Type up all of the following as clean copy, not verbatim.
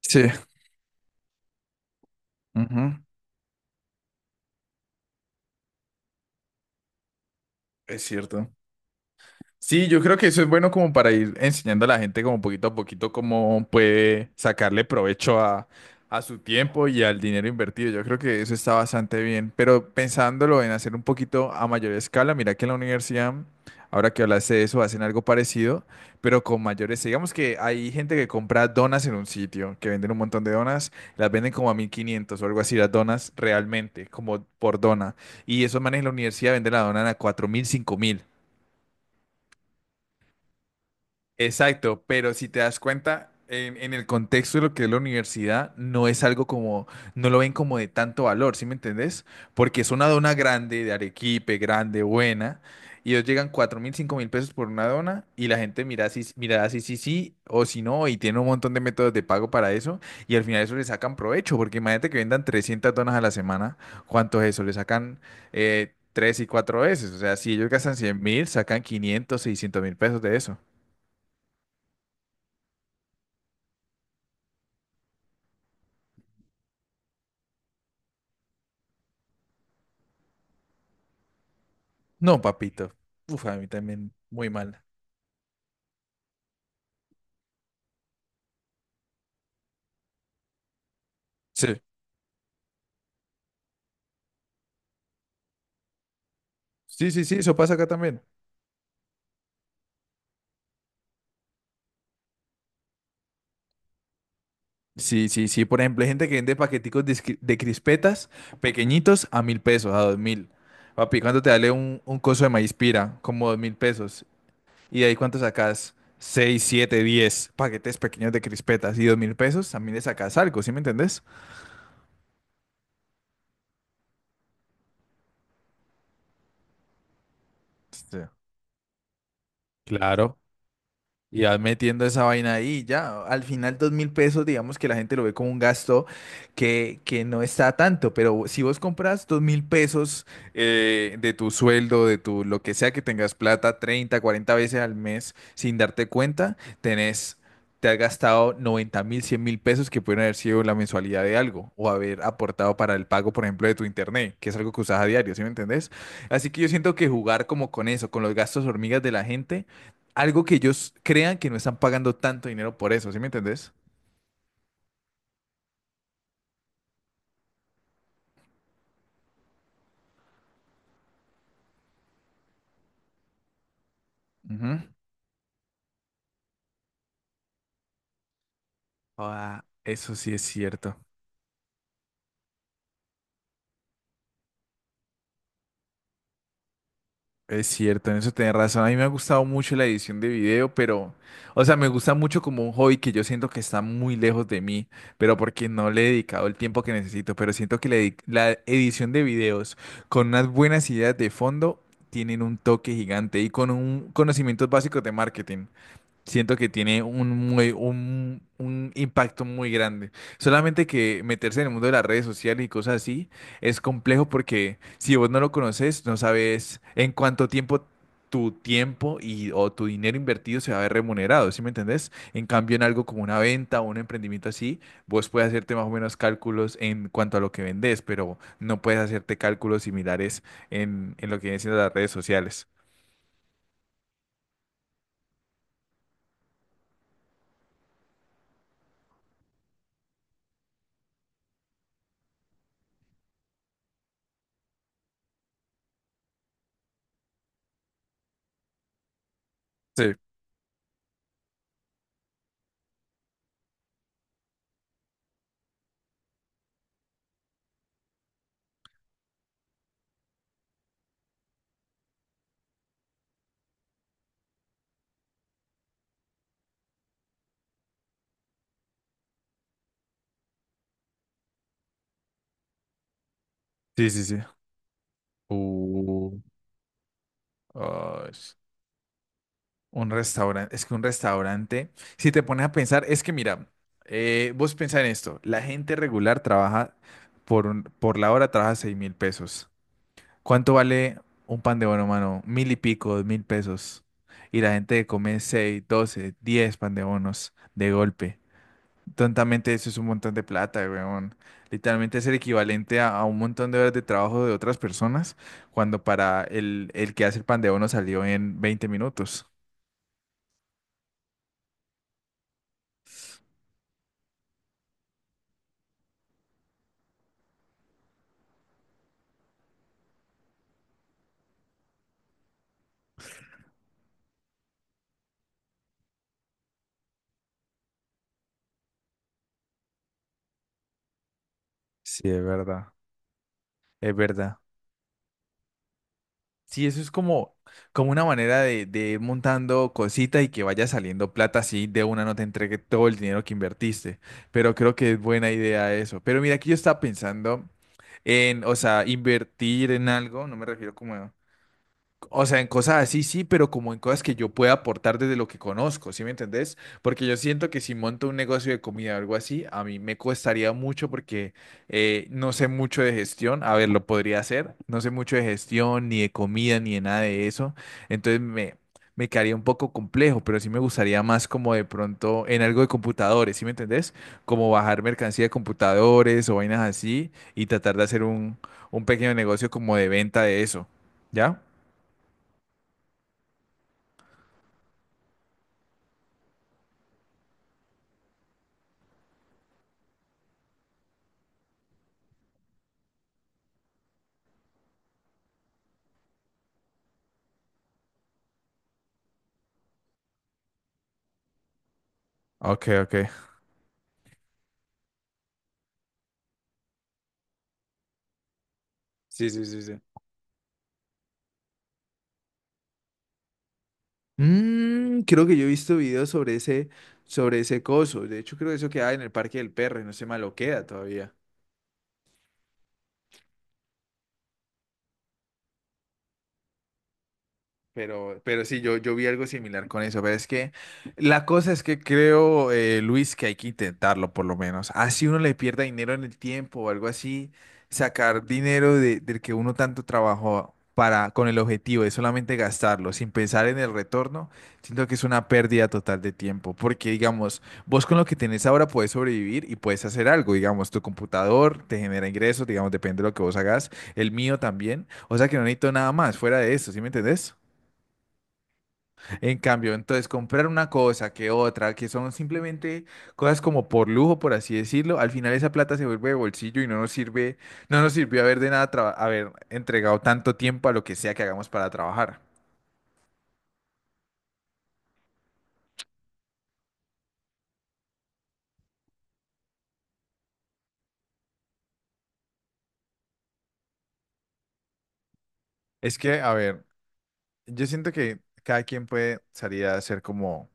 Sí. Ujú. Es cierto. Sí, yo creo que eso es bueno como para ir enseñando a la gente como poquito a poquito cómo puede sacarle provecho a su tiempo y al dinero invertido. Yo creo que eso está bastante bien, pero pensándolo en hacer un poquito a mayor escala, mira que en la universidad, ahora que hablaste de eso, hacen algo parecido, pero con mayores. Digamos que hay gente que compra donas en un sitio, que venden un montón de donas, las venden como a 1.500 o algo así, las donas realmente, como por dona. Y esos manes en la universidad venden la dona a 4.000 5.000. Exacto, pero si te das cuenta, en el contexto de lo que es la universidad, no es algo como, no lo ven como de tanto valor, ¿sí me entendés? Porque es una dona grande, de Arequipe, grande, buena, y ellos llegan 4.000, 5.000 pesos por una dona, y la gente mira si sí, sí, o si no, y tiene un montón de métodos de pago para eso, y al final eso le sacan provecho, porque imagínate que vendan 300 donas a la semana, ¿cuánto es eso? Le sacan... tres y cuatro veces, o sea, si ellos gastan 100.000, sacan 500.000, 600.000 pesos de eso. No, papito. Uf, a mí también muy mal. Sí. Sí, sí, sí, eso pasa acá también. Sí, sí, sí. Por ejemplo, hay gente que vende paqueticos de crispetas pequeñitos a 1.000 pesos, a 2.000. Papi, ¿cuánto te vale un coso de maíz pira? Como 2.000 pesos. ¿Y de ahí cuánto sacas? Seis, siete, 10 paquetes pequeños de crispetas y 2.000 pesos. También le sacas algo, ¿sí me entendés? Sí. Claro. Y vas metiendo esa vaina ahí, ya, al final 2.000 pesos, digamos que la gente lo ve como un gasto que no está tanto, pero si vos compras 2.000 pesos de tu sueldo, de tu lo que sea que tengas plata, 30 40 veces al mes sin darte cuenta, tenés, te has gastado 90.000, 100.000 pesos que pueden haber sido la mensualidad de algo o haber aportado para el pago, por ejemplo, de tu internet, que es algo que usas a diario, ¿sí me entendés? Así que yo siento que jugar como con eso, con los gastos hormigas de la gente algo que ellos crean que no están pagando tanto dinero por eso, ¿sí me entendés? Ujú. Ah, eso sí es cierto. Es cierto, en eso tenés razón. A mí me ha gustado mucho la edición de video, pero, o sea, me gusta mucho como un hobby que yo siento que está muy lejos de mí, pero porque no le he dedicado el tiempo que necesito. Pero siento que la edición de videos con unas buenas ideas de fondo tienen un toque gigante y con un conocimiento básico de marketing. Siento que tiene un impacto muy grande. Solamente que meterse en el mundo de las redes sociales y cosas así es complejo porque si vos no lo conoces, no sabes en cuánto tiempo tu tiempo y, o tu dinero invertido se va a ver remunerado, ¿sí me entendés? En cambio, en algo como una venta o un emprendimiento así, vos puedes hacerte más o menos cálculos en cuanto a lo que vendés, pero no puedes hacerte cálculos similares en lo que vienen siendo las redes sociales. Sí, sí, sí, sí. Uh. Ay. Un restaurante, es que un restaurante, si te pones a pensar, es que mira, vos pensás en esto, la gente regular trabaja por la hora, trabaja 6.000 pesos. ¿Cuánto vale un pan de bono, mano? 1.000 y pico, 2.000 pesos. Y la gente come seis, 12, 10 pan de bonos de golpe. Tontamente eso es un montón de plata, weón. Literalmente es el equivalente a un montón de horas de trabajo de otras personas cuando para el que hace el pan de bono salió en 20 minutos. Sí, es verdad. Es verdad. Sí, eso es como una manera de ir montando cositas y que vaya saliendo plata así de una no te entregue todo el dinero que invertiste. Pero creo que es buena idea eso. Pero mira, aquí yo estaba pensando en, o sea, invertir en algo, no me refiero como a o sea, en cosas así sí, pero como en cosas que yo pueda aportar desde lo que conozco, ¿sí me entendés? Porque yo siento que si monto un negocio de comida o algo así, a mí me costaría mucho porque no sé mucho de gestión. A ver, lo podría hacer. No sé mucho de gestión, ni de comida, ni de nada de eso. Entonces me quedaría un poco complejo, pero sí me gustaría más como de pronto en algo de computadores, ¿sí me entendés? Como bajar mercancía de computadores o vainas así y tratar de hacer un pequeño negocio como de venta de eso. ¿Ya? Ok, ok. Sí, sí, sí, sí. Mm, creo que yo he visto videos sobre ese coso. De hecho, creo que eso queda en el Parque del Perro y no se maloquea todavía. Pero sí, yo vi algo similar con eso, pero es que la cosa es que creo, Luis, que hay que intentarlo por lo menos. Así uno le pierda dinero en el tiempo o algo así, sacar dinero del que uno tanto trabajó para, con el objetivo de solamente gastarlo sin pensar en el retorno, siento que es una pérdida total de tiempo, porque digamos, vos con lo que tenés ahora puedes sobrevivir y puedes hacer algo, digamos, tu computador te genera ingresos, digamos, depende de lo que vos hagas, el mío también, o sea que no necesito nada más fuera de eso, ¿sí me entendés? En cambio, entonces comprar una cosa que otra, que son simplemente cosas como por lujo, por así decirlo, al final esa plata se vuelve de bolsillo y no nos sirve, no nos sirvió haber de nada haber entregado tanto tiempo a lo que sea que hagamos para trabajar. Es que, a ver, yo siento que cada quien puede salir a hacer como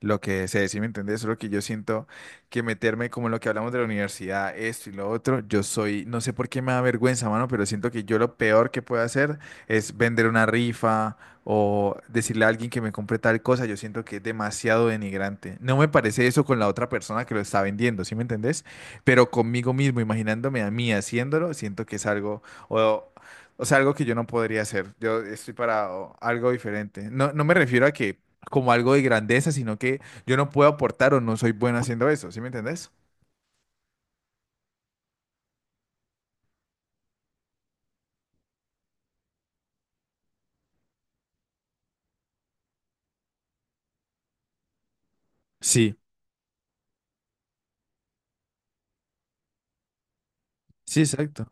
lo que se decía, ¿me entendés? Solo que yo siento que meterme como en lo que hablamos de la universidad, esto y lo otro, yo soy, no sé por qué me da vergüenza, mano, pero siento que yo lo peor que puedo hacer es vender una rifa o decirle a alguien que me compre tal cosa, yo siento que es demasiado denigrante. No me parece eso con la otra persona que lo está vendiendo, ¿sí me entendés? Pero conmigo mismo, imaginándome a mí haciéndolo, siento que es algo... O, o sea, algo que yo no podría hacer. Yo estoy para algo diferente. No, no me refiero a que como algo de grandeza, sino que yo no puedo aportar o no soy bueno haciendo eso, ¿sí me entendés? Sí, sí, exacto.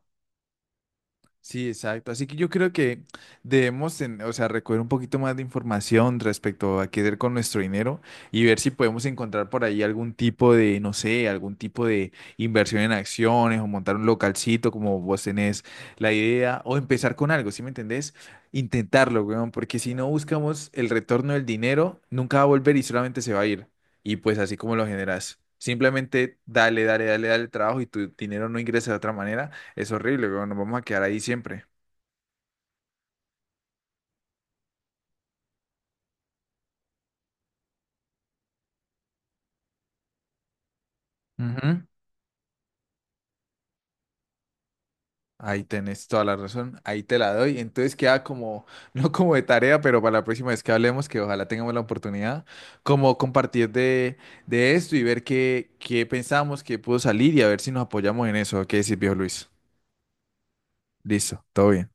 Sí, exacto. Así que yo creo que debemos, o sea, recoger un poquito más de información respecto a qué hacer con nuestro dinero y ver si podemos encontrar por ahí algún tipo de, no sé, algún tipo de inversión en acciones o montar un localcito como vos tenés la idea o empezar con algo, ¿sí me entendés? Intentarlo, weón, porque si no buscamos el retorno del dinero, nunca va a volver y solamente se va a ir. Y pues así como lo generas. Simplemente dale, dale, dale, dale trabajo y tu dinero no ingresa de otra manera es horrible, weón. Nos vamos a quedar ahí siempre. Ujú. Ahí tenés toda la razón. Ahí te la doy. Entonces queda como, no como de tarea, pero para la próxima vez que hablemos, que ojalá tengamos la oportunidad, como compartir de esto y ver qué pensamos, qué pudo salir y a ver si nos apoyamos en eso. ¿Qué decís, viejo Luis? Listo, todo bien.